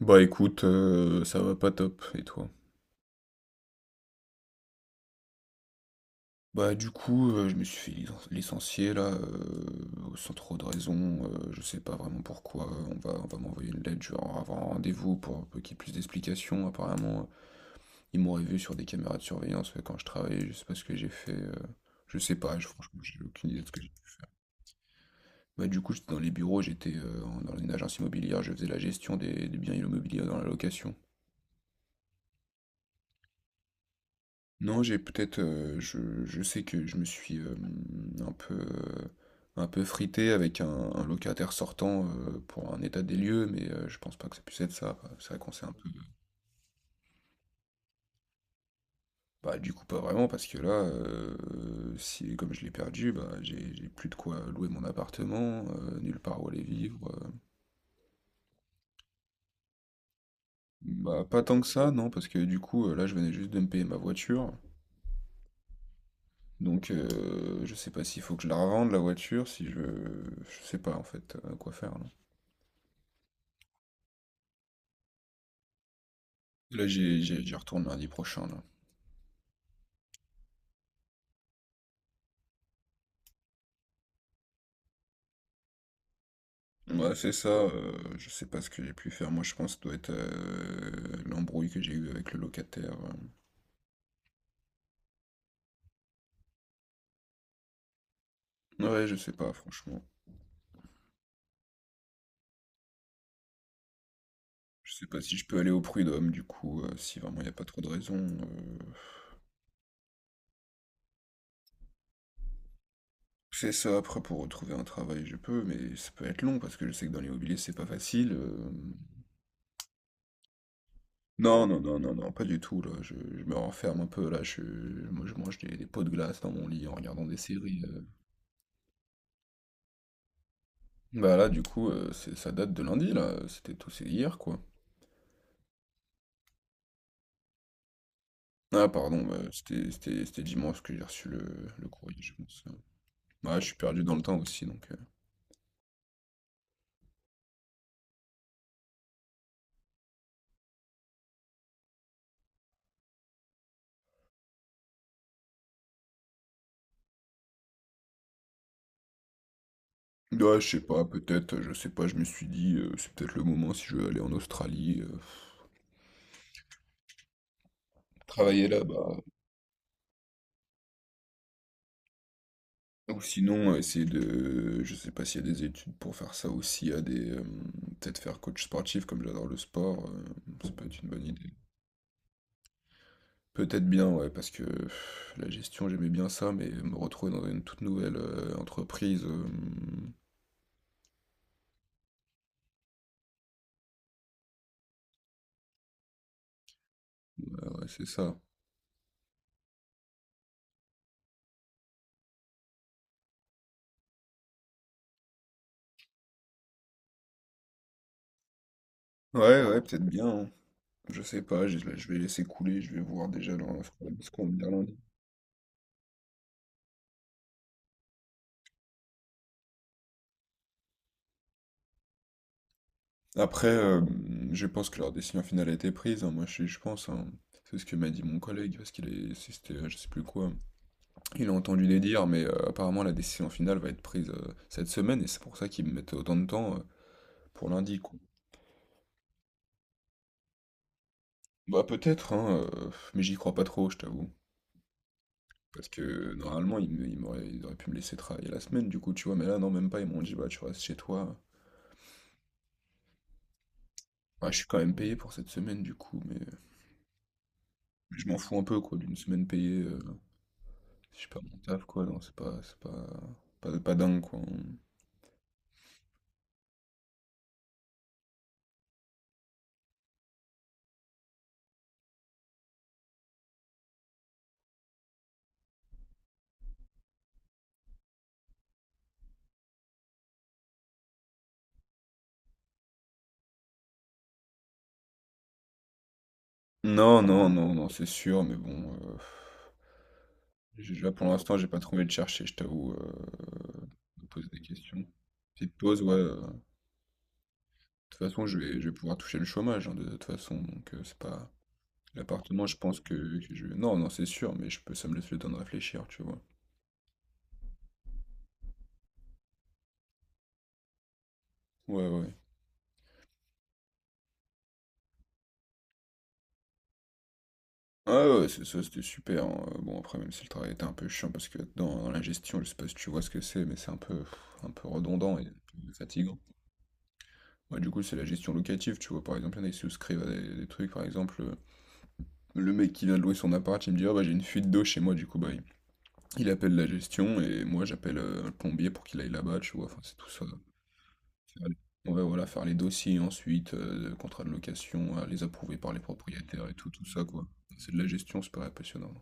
Bah écoute, ça va pas top, et toi? Bah du coup, je me suis fait licencier là, sans trop de raison, je sais pas vraiment pourquoi, on va m'envoyer une lettre, je vais avoir un rendez-vous pour qu'il y ait plus d'explications. Apparemment, ils m'auraient vu sur des caméras de surveillance, quand je travaillais, je sais pas ce que j'ai fait, je sais pas, je franchement, j'ai aucune idée de ce que j'ai pu faire. Bah du coup, j'étais dans les bureaux, j'étais, en dans une agence immobilière, je faisais la gestion des biens immobiliers dans la location. Non, j'ai peut-être, je sais que je me suis, un peu, heu, un peu frité avec un locataire sortant, pour un état des lieux, mais, je pense pas que ça puisse être ça. C'est vrai qu'on s'est un peu... Bah du coup, pas vraiment parce que là, si comme je l'ai perdu, bah, j'ai plus de quoi louer mon appartement, nulle part où aller vivre, bah, pas tant que ça, non, parce que du coup, là, je venais juste de me payer ma voiture, donc, je sais pas s'il faut que je la revende la voiture, si je je sais pas, en fait, quoi faire. Là, j'y retourne lundi prochain, là. Ouais, c'est ça, je sais pas ce que j'ai pu faire. Moi, je pense que ça doit être l'embrouille que j'ai eue avec le locataire. Ouais, je sais pas, franchement. Je sais pas si je peux aller au prud'homme, du coup, si vraiment il n'y a pas trop de raison. C'est ça, après, pour retrouver un travail, je peux, mais ça peut être long, parce que je sais que dans l'immobilier, c'est pas facile. Non, non, non, non, non, pas du tout, là. Je me renferme un peu, là. Je, moi, je mange des pots de glace dans mon lit en regardant des séries. Bah là, du coup, c'est ça date de lundi, là, c'est hier, quoi. Ah pardon, bah, c'était dimanche que j'ai reçu le courrier, je pense, Ouais, je suis perdu dans le temps aussi, donc Ouais, je sais pas, peut-être, je sais pas, je me suis dit, «C'est peut-être le moment si je veux aller en Australie, travailler là-bas», ou sinon, essayer de... Je sais pas s'il y a des études pour faire ça aussi, à des, hem peut-être faire coach sportif comme j'adore le sport, ça peut être une bonne idée. Peut-être bien, ouais, parce que pff, la gestion, j'aimais bien ça, mais me retrouver dans une toute nouvelle entreprise, ouais, c'est ça. Ouais, ouais, peut-être bien, hein. Je sais pas, je vais laisser couler, je vais voir déjà leur offre de discours lundi. Après, je pense que leur décision finale a été prise, hein, moi je pense. Hein. C'est ce que m'a dit mon collègue, parce qu'il est, c'était, je sais plus quoi. Il a entendu les dire, mais apparemment la décision finale va être prise cette semaine, et c'est pour ça qu'ils me mettent autant de temps pour lundi, quoi. Bah peut-être, hein, mais j'y crois pas trop, je t'avoue. Parce que normalement, ils auraient pu me laisser travailler la semaine du coup, tu vois? Mais là, non, même pas, ils m'ont dit: «Bah, tu restes chez toi». Bah, je suis quand même payé pour cette semaine du coup, mais je m'en fous un peu quoi, d'une semaine payée, si je perds mon taf quoi, non, c'est pas pas pas dingue quoi, hein. Non, non, non, non, c'est sûr, mais bon, j'ai là pour l'instant, j'ai pas trop envie de chercher, je t'avoue, me poser des questions. Petite pause, ouais, de toute façon, je vais pouvoir toucher le chômage, hein, de toute façon, donc c'est pas... L'appartement, je pense que je... Non, non, c'est sûr, mais je peux, ça me laisse le temps de réfléchir, tu vois. Ouais, ouais. Ah ouais, ouais, c'est ça, c'était super. Hein. Bon, après, même si le travail était un peu chiant, parce que dans la gestion, je sais pas si tu vois ce que c'est, mais c'est un peu, pff, un peu redondant et un peu fatigant. Ouais, du coup, c'est la gestion locative, tu vois. Par exemple, il y en a qui souscrivent à des trucs, par exemple, le mec qui vient de louer son appart, il me dit, ah bah j'ai une fuite d'eau chez moi, du coup, bah, il appelle la gestion, et moi, j'appelle un plombier pour qu'il aille là-bas, tu vois. Enfin, c'est tout ça. Ouais, voilà, faire les dossiers ensuite, de contrats de location, les approuver par les propriétaires et tout, tout ça, quoi. C'est de la gestion, c'est pas passionnant.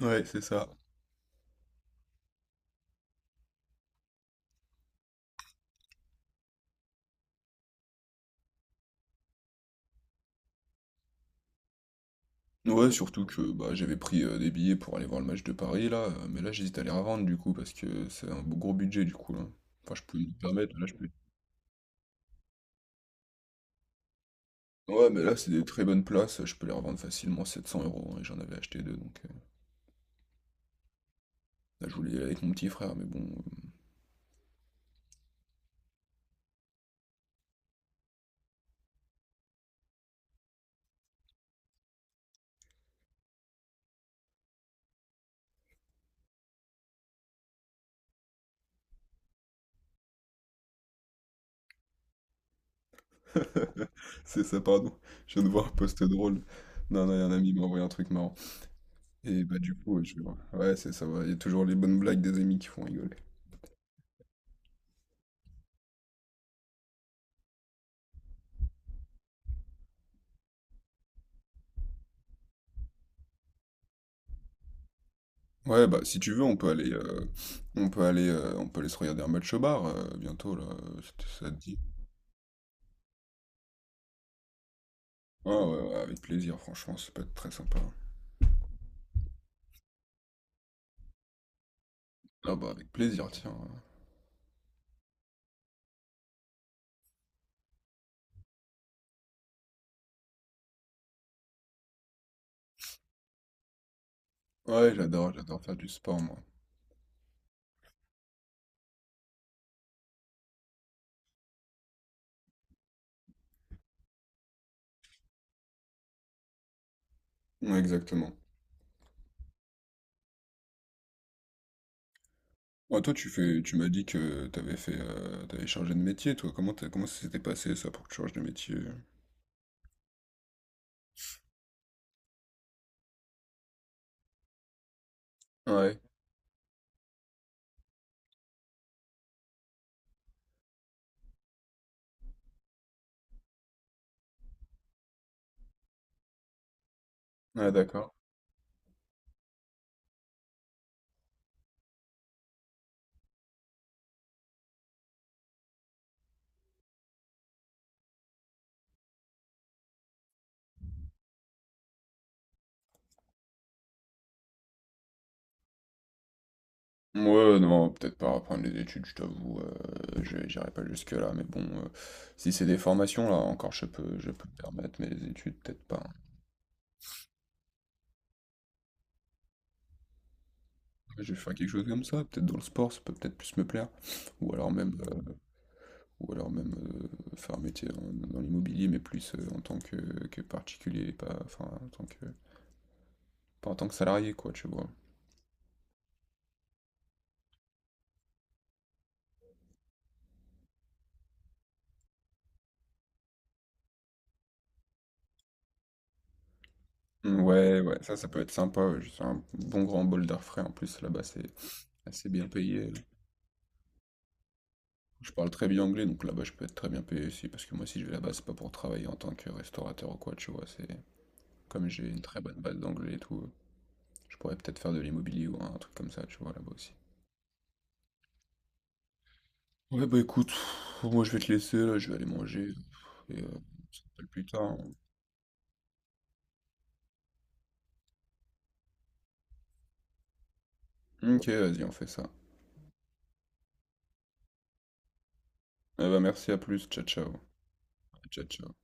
Ouais, c'est ça. Ouais, surtout que bah, j'avais pris des billets pour aller voir le match de Paris, là, mais là j'hésite à les revendre, du coup, parce que c'est un gros budget, du coup, là. Enfin, je peux me le permettre, là, je peux... Ouais, mais là, c'est des très bonnes places, je peux les revendre facilement 700 euros, hein, et j'en avais acheté deux, donc... là, je voulais y aller avec mon petit frère, mais bon... euh, C'est ça, pardon. Je viens de voir un post drôle. Non, non, un ami m'a envoyé un truc marrant. Et bah du coup, ouais, je vois. Ouais, c'est ça va. Il y a toujours les bonnes blagues des amis qui font rigoler. Ouais, bah si tu veux, on peut aller se regarder un match au bar bientôt là. Si t- ça te dit? Ouais, ouais, ouais, avec plaisir. Franchement, ça peut être très sympa. Ah bah avec plaisir, tiens. Ouais, ouais, j'adore, j'adore faire du sport moi. Ouais, exactement. Ouais, toi, tu fais, tu m'as dit que t'avais fait, t'avais changé de métier, toi. Comment ça s'était passé ça pour que tu changes de métier? Ouais. Ouais, d'accord. Ouais, non, peut-être pas reprendre les études, je t'avoue, j'irai pas jusque-là, mais bon, si c'est des formations, là, encore, je peux me permettre, mais les études, peut-être pas. Ouais, je vais faire quelque chose comme ça, peut-être dans le sport, ça peut peut-être plus me plaire, ou alors même, faire un métier dans l'immobilier, mais plus en tant que, que particulier, pas, enfin, en tant que, pas en tant que salarié, quoi, tu vois. Ouais, ouais, ça peut être sympa, ouais, juste un bon grand bol d'air frais, en plus, là-bas, c'est assez bien payé. Je parle très bien anglais, donc là-bas je peux être très bien payé aussi, parce que moi si je vais là-bas, c'est pas pour travailler en tant que restaurateur ou quoi, tu vois, c'est comme j'ai une très bonne base d'anglais et tout, je pourrais peut-être faire de l'immobilier ou un truc comme ça, tu vois, là-bas aussi. Ouais, bah écoute, moi je vais te laisser, là, je vais aller manger, et on se rappelle plus tard. Hein. Ok, vas-y, on fait ça. Eh bah merci, à plus, ciao ciao. Ciao ciao.